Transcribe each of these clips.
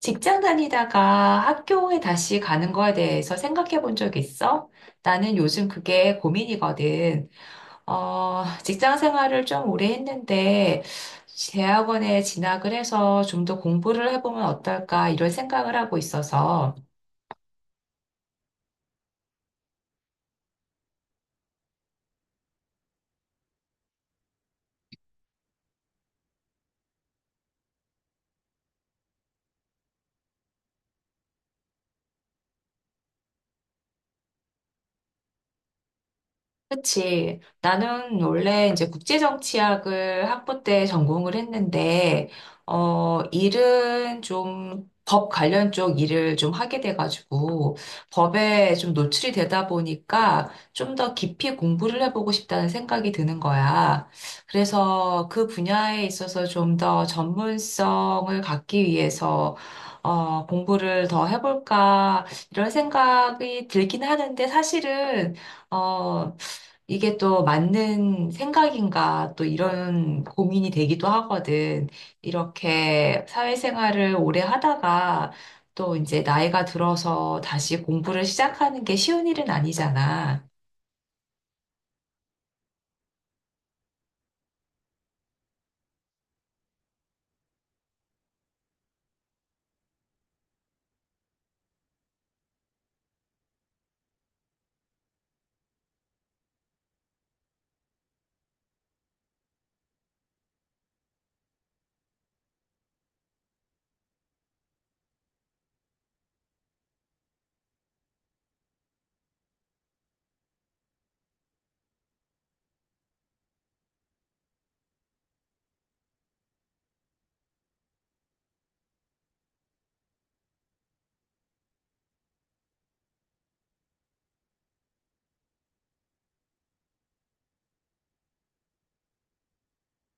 직장 다니다가 학교에 다시 가는 거에 대해서 생각해 본 적 있어? 나는 요즘 그게 고민이거든. 직장 생활을 좀 오래 했는데, 대학원에 진학을 해서 좀 더 공부를 해보면 어떨까, 이런 생각을 하고 있어서. 그치. 나는 원래 이제 국제정치학을 학부 때 전공을 했는데, 일은 좀 법 관련 쪽 일을 좀 하게 돼가지고, 법에 좀 노출이 되다 보니까 좀 더 깊이 공부를 해보고 싶다는 생각이 드는 거야. 그래서 그 분야에 있어서 좀 더 전문성을 갖기 위해서, 공부를 더 해볼까, 이런 생각이 들긴 하는데, 사실은 어, 이게 또 맞는 생각인가 또 이런 고민이 되기도 하거든. 이렇게 사회생활을 오래 하다가 또 이제 나이가 들어서 다시 공부를 시작하는 게 쉬운 일은 아니잖아.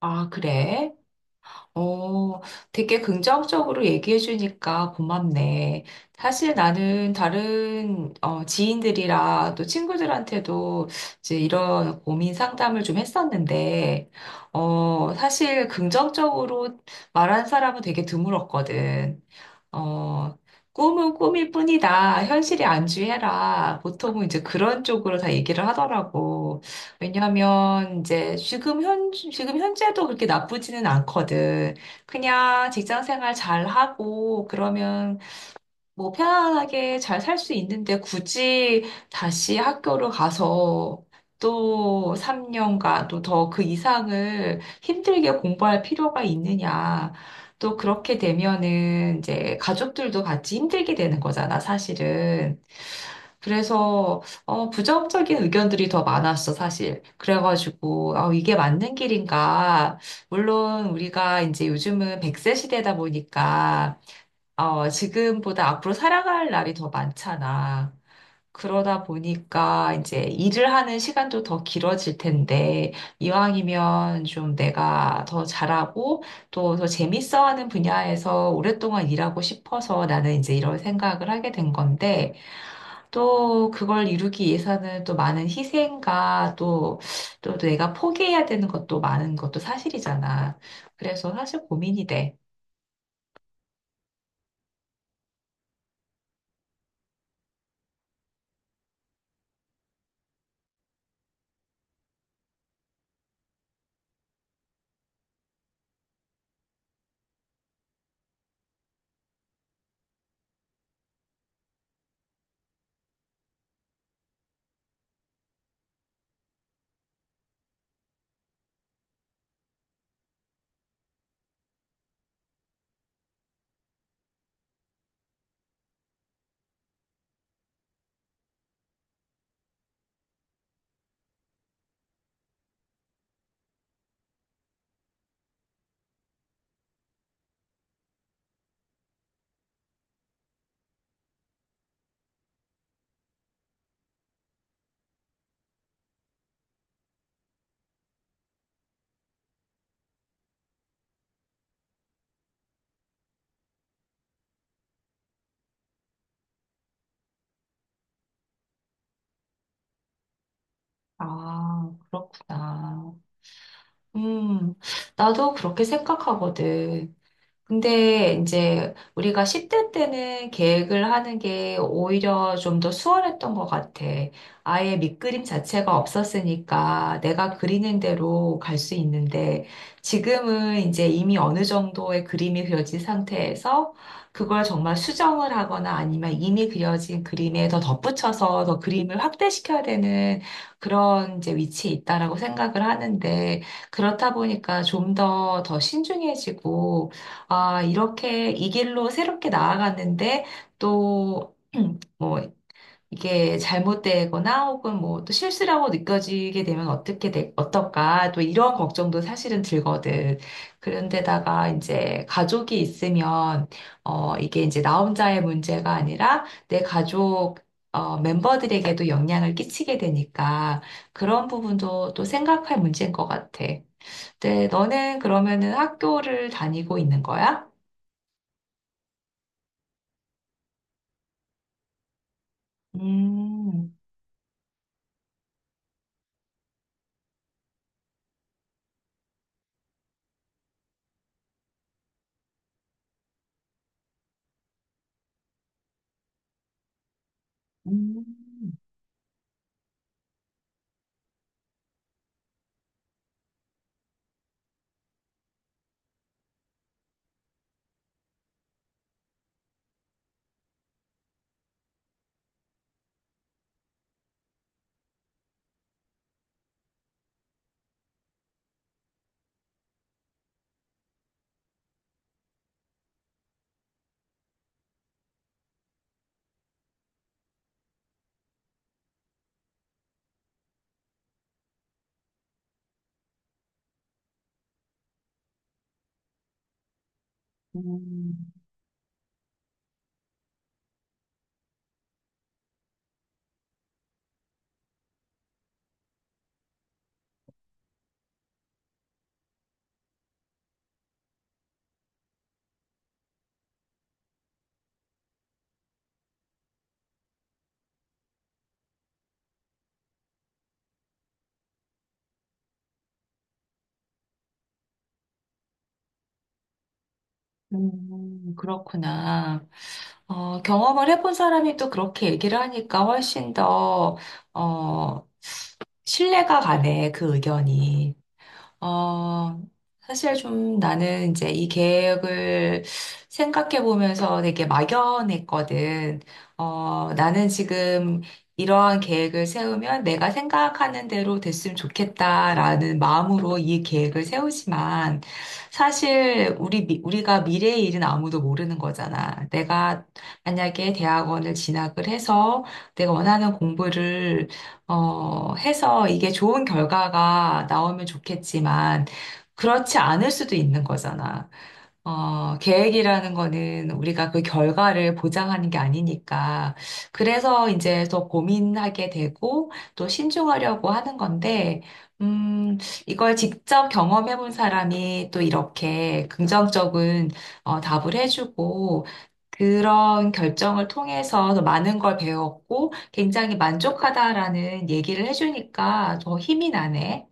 아, 그래? 어, 되게 긍정적으로 얘기해 주니까 고맙네. 사실 나는 다른 지인들이랑 또 친구들한테도 이제 이런 고민 상담을 좀 했었는데, 사실 긍정적으로 말한 사람은 되게 드물었거든. 어, 꿈은 꿈일 뿐이다. 현실에 안주해라. 보통은 이제 그런 쪽으로 다 얘기를 하더라고. 왜냐하면 이제 지금 현재도 그렇게 나쁘지는 않거든. 그냥 직장 생활 잘하고 그러면 뭐 편안하게 잘 살 수 있는데 굳이 다시 학교를 가서 또 3년간 또 더 그 이상을 힘들게 공부할 필요가 있느냐. 또 그렇게 되면은 이제 가족들도 같이 힘들게 되는 거잖아, 사실은. 그래서 부정적인 의견들이 더 많았어, 사실. 그래가지고 아, 이게 맞는 길인가. 물론 우리가 이제 요즘은 100세 시대다 보니까 지금보다 앞으로 살아갈 날이 더 많잖아. 그러다 보니까 이제 일을 하는 시간도 더 길어질 텐데, 이왕이면 좀 내가 더 잘하고 또 더 재밌어하는 분야에서 오랫동안 일하고 싶어서 나는 이제 이런 생각을 하게 된 건데, 또 그걸 이루기 위해서는 또 많은 희생과 또, 또 내가 포기해야 되는 것도 많은 것도 사실이잖아. 그래서 사실 고민이 돼. 아, 그렇구나. 음, 나도 그렇게 생각하거든. 근데 이제 우리가 10대 때는 계획을 하는 게 오히려 좀 더 수월했던 것 같아. 아예 밑그림 자체가 없었으니까 내가 그리는 대로 갈 수 있는데 지금은 이제 이미 어느 정도의 그림이 그려진 상태에서 그걸 정말 수정을 하거나 아니면 이미 그려진 그림에 더 덧붙여서 더 그림을 확대시켜야 되는 그런 이제 위치에 있다라고 생각을 하는데 그렇다 보니까 좀 더 신중해지고 아, 이렇게 이 길로 새롭게 나아갔는데 또 뭐 이게 잘못되거나 혹은 뭐 또 실수라고 느껴지게 되면 어떨까? 또 이런 걱정도 사실은 들거든. 그런데다가 이제 가족이 있으면 이게 이제 나 혼자의 문제가 아니라 내 가족 멤버들에게도 영향을 끼치게 되니까 그런 부분도 또 생각할 문제인 것 같아. 근데 너는 그러면은 학교를 다니고 있는 거야? 음, 음, 음, 그렇구나. 어, 경험을 해본 사람이 또 그렇게 얘기를 하니까 훨씬 더, 어, 신뢰가 가네, 그 의견이. 어, 사실 좀 나는 이제 이 계획을 생각해 보면서 되게 막연했거든. 나는 지금 이러한 계획을 세우면 내가 생각하는 대로 됐으면 좋겠다라는 마음으로 이 계획을 세우지만 우리가 미래의 일은 아무도 모르는 거잖아. 내가 만약에 대학원을 진학을 해서 내가 원하는 공부를 해서 이게 좋은 결과가 나오면 좋겠지만, 그렇지 않을 수도 있는 거잖아. 계획이라는 거는 우리가 그 결과를 보장하는 게 아니니까. 그래서 이제 더 고민하게 되고, 또 신중하려고 하는 건데, 음, 이걸 직접 경험해 본 사람이 또 이렇게 긍정적인 답을 해주고, 그런 결정을 통해서 더 많은 걸 배웠고 굉장히 만족하다라는 얘기를 해주니까 더 힘이 나네.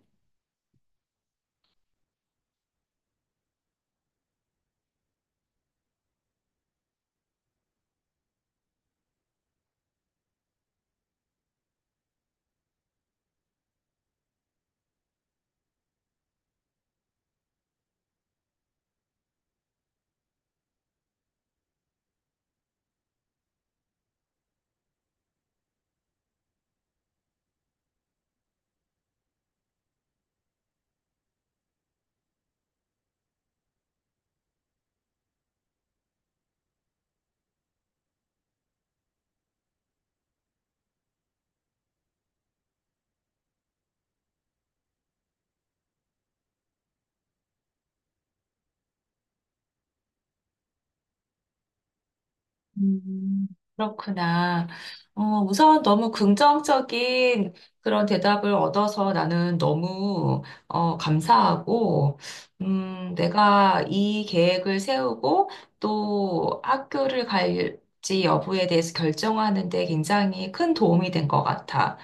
음, 그렇구나. 어, 우선 너무 긍정적인 그런 대답을 얻어서 나는 너무 감사하고, 내가 이 계획을 세우고 또 학교를 갈지 여부에 대해서 결정하는 데 굉장히 큰 도움이 된 것 같아.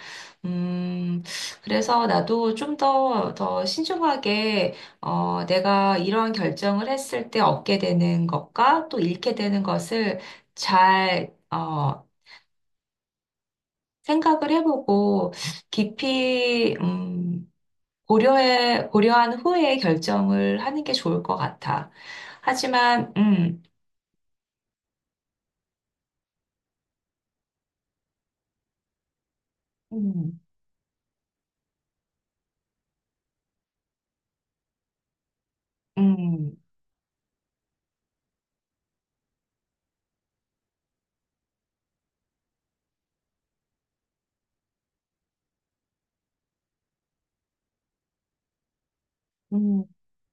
음, 그래서 나도 더 신중하게, 내가 이런 결정을 했을 때 얻게 되는 것과 또 잃게 되는 것을 잘 생각을 해보고 깊이, 고려한 후에 결정을 하는 게 좋을 것 같아. 하지만, 음, 음. 음,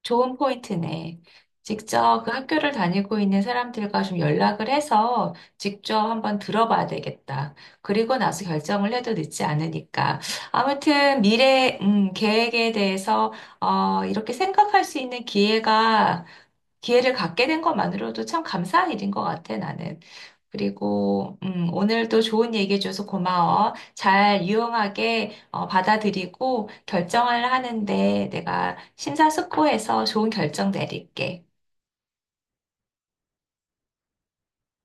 좋은 포인트네. 직접 그 학교를 다니고 있는 사람들과 좀 연락을 해서 직접 한번 들어봐야 되겠다. 그리고 나서 결정을 해도 늦지 않으니까. 아무튼 미래, 계획에 대해서, 이렇게 생각할 수 있는 기회를 갖게 된 것만으로도 참 감사한 일인 것 같아, 나는. 그리고, 오늘도 좋은 얘기해줘서 고마워. 잘 유용하게 받아들이고 결정을 하는데 내가 심사숙고해서 좋은 결정 내릴게.